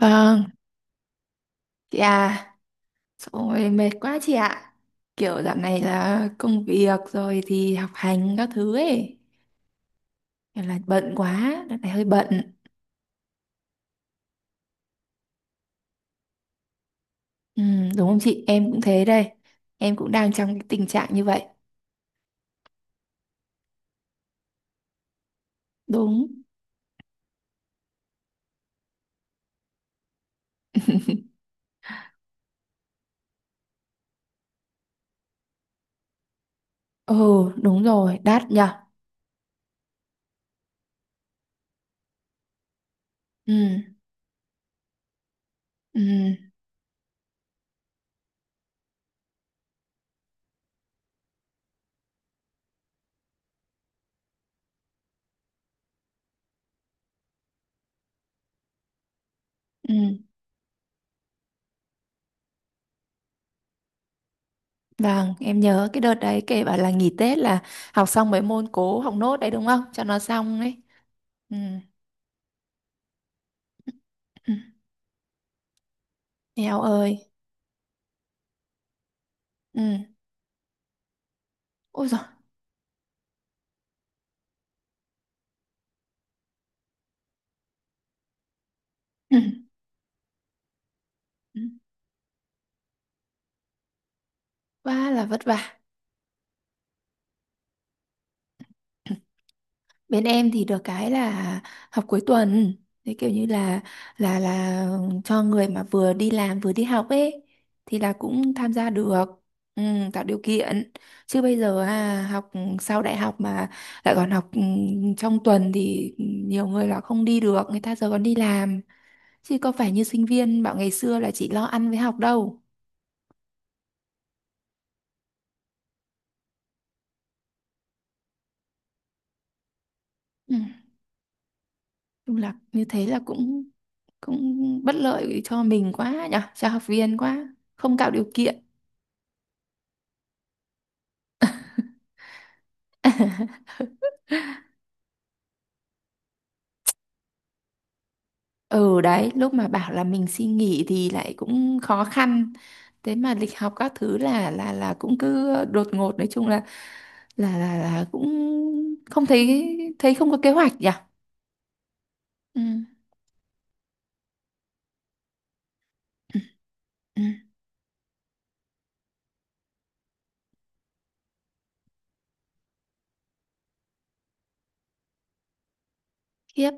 Vâng, chị à, rồi mệt quá chị ạ. Kiểu dạo này là công việc rồi thì học hành các thứ ấy, kiểu là bận quá, đợt này hơi bận. Ừ, đúng không chị? Em cũng thế đây. Em cũng đang trong cái tình trạng như vậy. Đúng. Ừ, đúng rồi, đắt nhở. Ừ, ừ, ừ. Vâng, em nhớ cái đợt đấy kể bảo là nghỉ Tết là học xong mấy môn cố học nốt đấy đúng không? Cho nó xong ấy. Ừ. Ừ. Eo ơi. Ừ. Ôi giời. Ừ. Ừ. Quá là vất vả. Bên em thì được cái là học cuối tuần, thế kiểu như là là là cho người mà vừa đi làm vừa đi học ấy, thì là cũng tham gia được. Ừ, tạo điều kiện. Chứ bây giờ à, học sau đại học mà lại còn học, trong tuần thì nhiều người là không đi được, người ta giờ còn đi làm, chứ có phải như sinh viên bảo ngày xưa là chỉ lo ăn với học đâu. Ừ, chung là như thế là cũng cũng bất lợi cho mình quá nhở, cho học viên quá không tạo điều kiện. Ừ đấy, lúc mà bảo là mình xin nghỉ thì lại cũng khó khăn, thế mà lịch học các thứ là cũng cứ đột ngột, nói chung là là cũng không thấy thấy không có kế hoạch nhỉ. Ừ, ừ, ừ. Khiếp.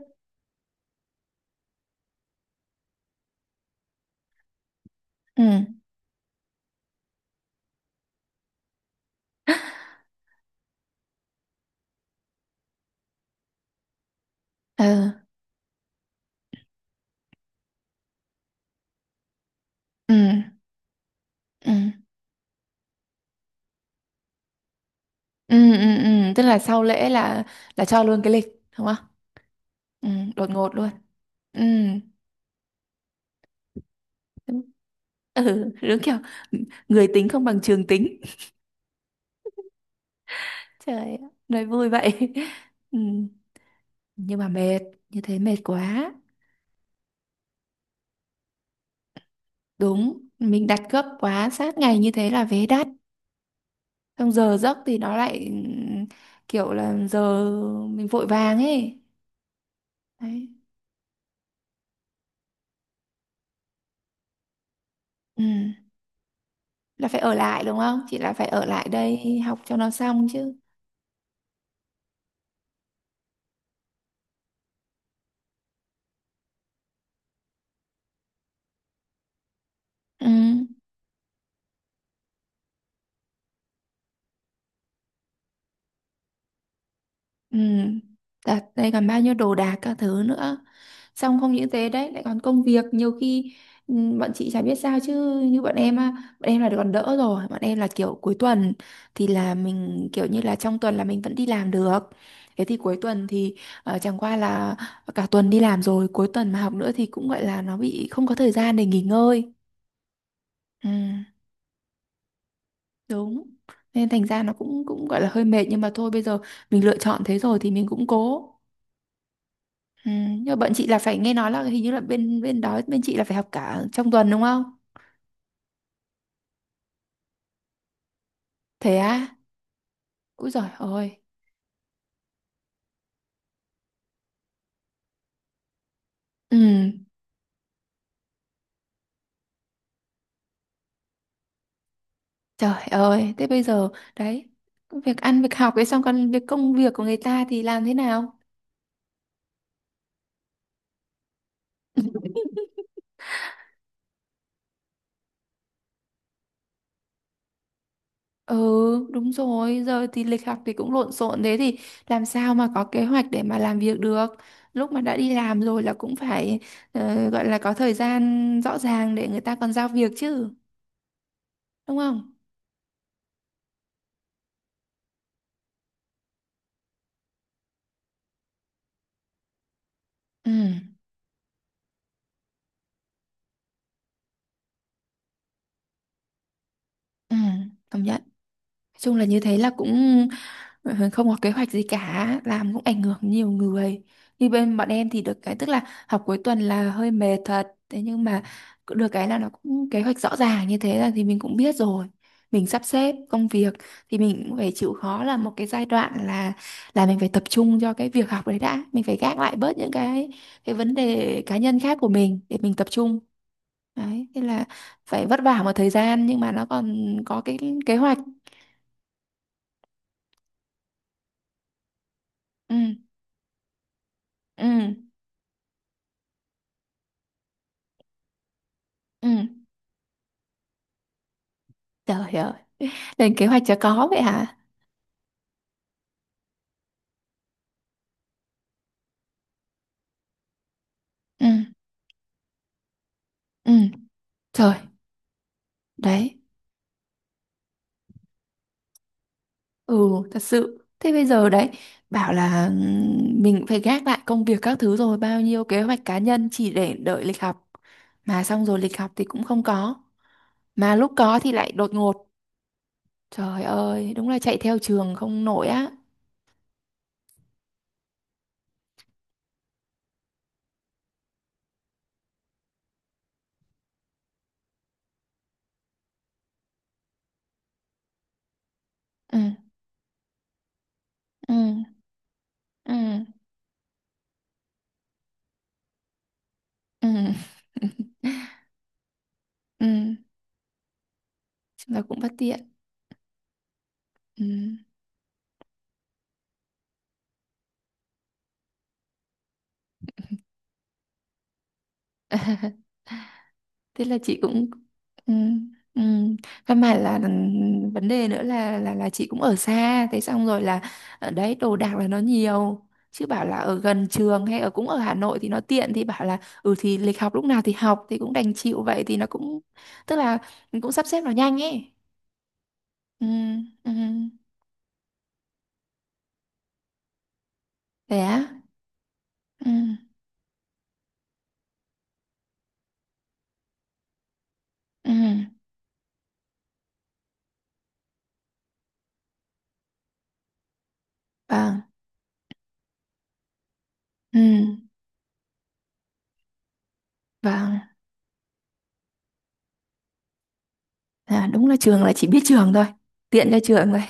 Ừ. Ừ, ừ, ừ, ừ, ừ, ừ. Tức là sau lễ là cho luôn cái lịch, đúng không? Ừ, đột ngột luôn. Ừ, ừ, đúng kiểu người tính không bằng trường tính. Trời ơi, nói vui vậy. Ừ. Nhưng mà mệt, như thế mệt quá. Đúng, mình đặt gấp quá sát ngày như thế là vé đắt, xong giờ giấc thì nó lại kiểu là giờ mình vội vàng ấy, đấy. Ừ. Là phải ở lại đúng không chị, là phải ở lại đây học cho nó xong chứ. Ừ. Ừ. Đặt đây còn bao nhiêu đồ đạc các thứ nữa, xong không những thế đấy lại còn công việc nhiều khi, bọn chị chả biết sao chứ như bọn em á, bọn em là còn đỡ rồi, bọn em là kiểu cuối tuần thì là mình kiểu như là trong tuần là mình vẫn đi làm được, thế thì cuối tuần thì chẳng qua là cả tuần đi làm rồi cuối tuần mà học nữa thì cũng gọi là nó bị không có thời gian để nghỉ ngơi. Ừ, đúng. Nên thành ra nó cũng cũng gọi là hơi mệt, nhưng mà thôi bây giờ mình lựa chọn thế rồi thì mình cũng cố. Ừ, nhưng mà bọn chị là phải, nghe nói là hình như là bên bên đó bên chị là phải học cả trong tuần đúng không? Thế á? Úi giời ơi. Ừ, trời ơi, thế bây giờ đấy, việc ăn việc học ấy xong còn việc công việc của người ta thì làm thế nào? Ừ, đúng rồi, giờ thì lịch học thì cũng lộn xộn thế thì làm sao mà có kế hoạch để mà làm việc được. Lúc mà đã đi làm rồi là cũng phải gọi là có thời gian rõ ràng để người ta còn giao việc chứ, đúng không? Ừ, ừ, công nhận. Nói chung là như thế là cũng, không có kế hoạch gì cả làm cũng ảnh hưởng nhiều người. Như bên bọn em thì được cái tức là học cuối tuần là hơi mệt thật, thế nhưng mà cũng được cái là nó cũng kế hoạch rõ ràng như thế là thì mình cũng biết rồi mình sắp xếp công việc, thì mình cũng phải chịu khó là một cái giai đoạn là mình phải tập trung cho cái việc học đấy đã, mình phải gác lại bớt những cái vấn đề cá nhân khác của mình để mình tập trung. Đấy thế là phải vất vả một thời gian nhưng mà nó còn có cái kế hoạch. Ừ, ừ, ừ. Trời ơi, lên kế hoạch cho có vậy hả. Ừ, ừ, trời, đấy. Ừ, thật sự, thế bây giờ đấy bảo là mình phải gác lại công việc các thứ rồi bao nhiêu kế hoạch cá nhân chỉ để đợi lịch học, mà xong rồi lịch học thì cũng không có, mà lúc có thì lại đột ngột. Trời ơi, đúng là chạy theo trường không nổi á. Ừ, ừ, ừ, ừ. Ừ. Chúng ta cũng bất tiện. Ừ. Thế là chị cũng, ừ, ừ. Căn bản là, vấn đề nữa là chị cũng ở xa, thế xong rồi là ở đấy đồ đạc là nó nhiều, chứ bảo là ở gần trường hay ở cũng ở Hà Nội thì nó tiện, thì bảo là ừ thì lịch học lúc nào thì học thì cũng đành chịu vậy thì nó cũng tức là mình cũng sắp xếp nó nhanh ấy. Ừ, ừ. Thế á? Ừ, ừ. Vâng. Ừ. Vâng. À, đúng là trường là chỉ biết trường thôi, tiện cho trường thôi.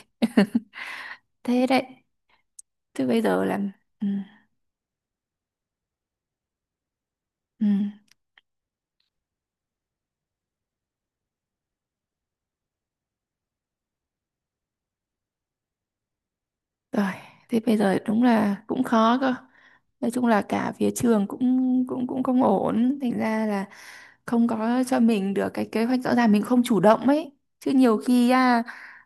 Thế đấy, chứ bây giờ là, ừ. Ừ, rồi, thế bây giờ đúng là cũng khó cơ. Nói chung là cả phía trường cũng cũng cũng không ổn, thành ra là không có cho mình được cái kế hoạch rõ ràng, mình không chủ động ấy. Chứ nhiều khi à,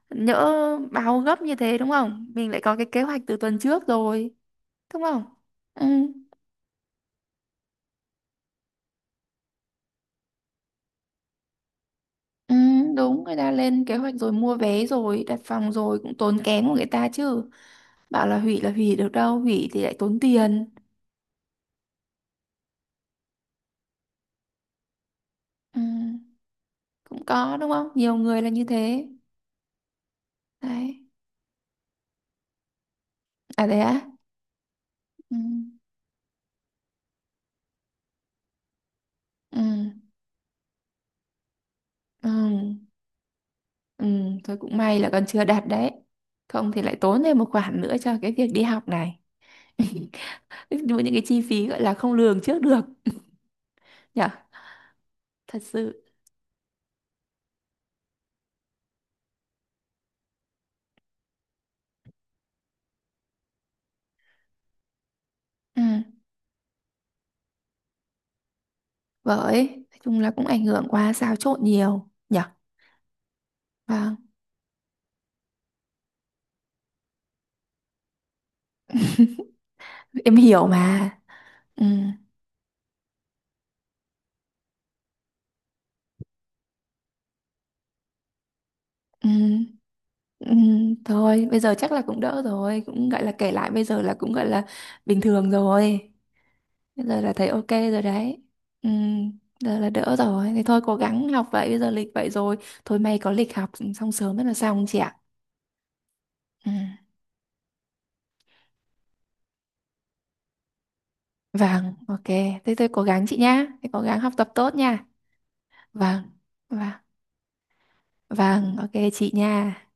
nhỡ báo gấp như thế đúng không? Mình lại có cái kế hoạch từ tuần trước rồi, đúng không? Ừ, ừ, đúng, người ta lên kế hoạch rồi mua vé rồi, đặt phòng rồi cũng tốn kém của người ta chứ. Bảo là hủy được đâu, hủy thì lại tốn tiền. Ừ, cũng có đúng không? Nhiều người là như thế. Đấy. À, thế á? Ừ, ừ, ừ, ừ. Thôi cũng may là con chưa đạt đấy, không thì lại tốn thêm một khoản nữa cho cái việc đi học này. Đúng, những cái chi phí gọi là không lường trước được nhở, thật sự. Ừ, bởi nói chung là cũng ảnh hưởng qua xáo trộn nhiều nhở. Vâng, em hiểu mà. Ừ, ừ, ừ. Thôi bây giờ chắc là cũng đỡ rồi, cũng gọi là kể lại bây giờ là cũng gọi là bình thường rồi. Bây giờ là thấy ok rồi đấy. Ừ, giờ là đỡ rồi. Thì thôi cố gắng học vậy, bây giờ lịch vậy rồi. Thôi may có lịch học xong sớm rất là xong chị ạ. Ừ. Vâng, ok. Thế tôi cố gắng chị nhá. Thế cố gắng học tập tốt nha. Vâng, vâng, vâng, ok chị nha.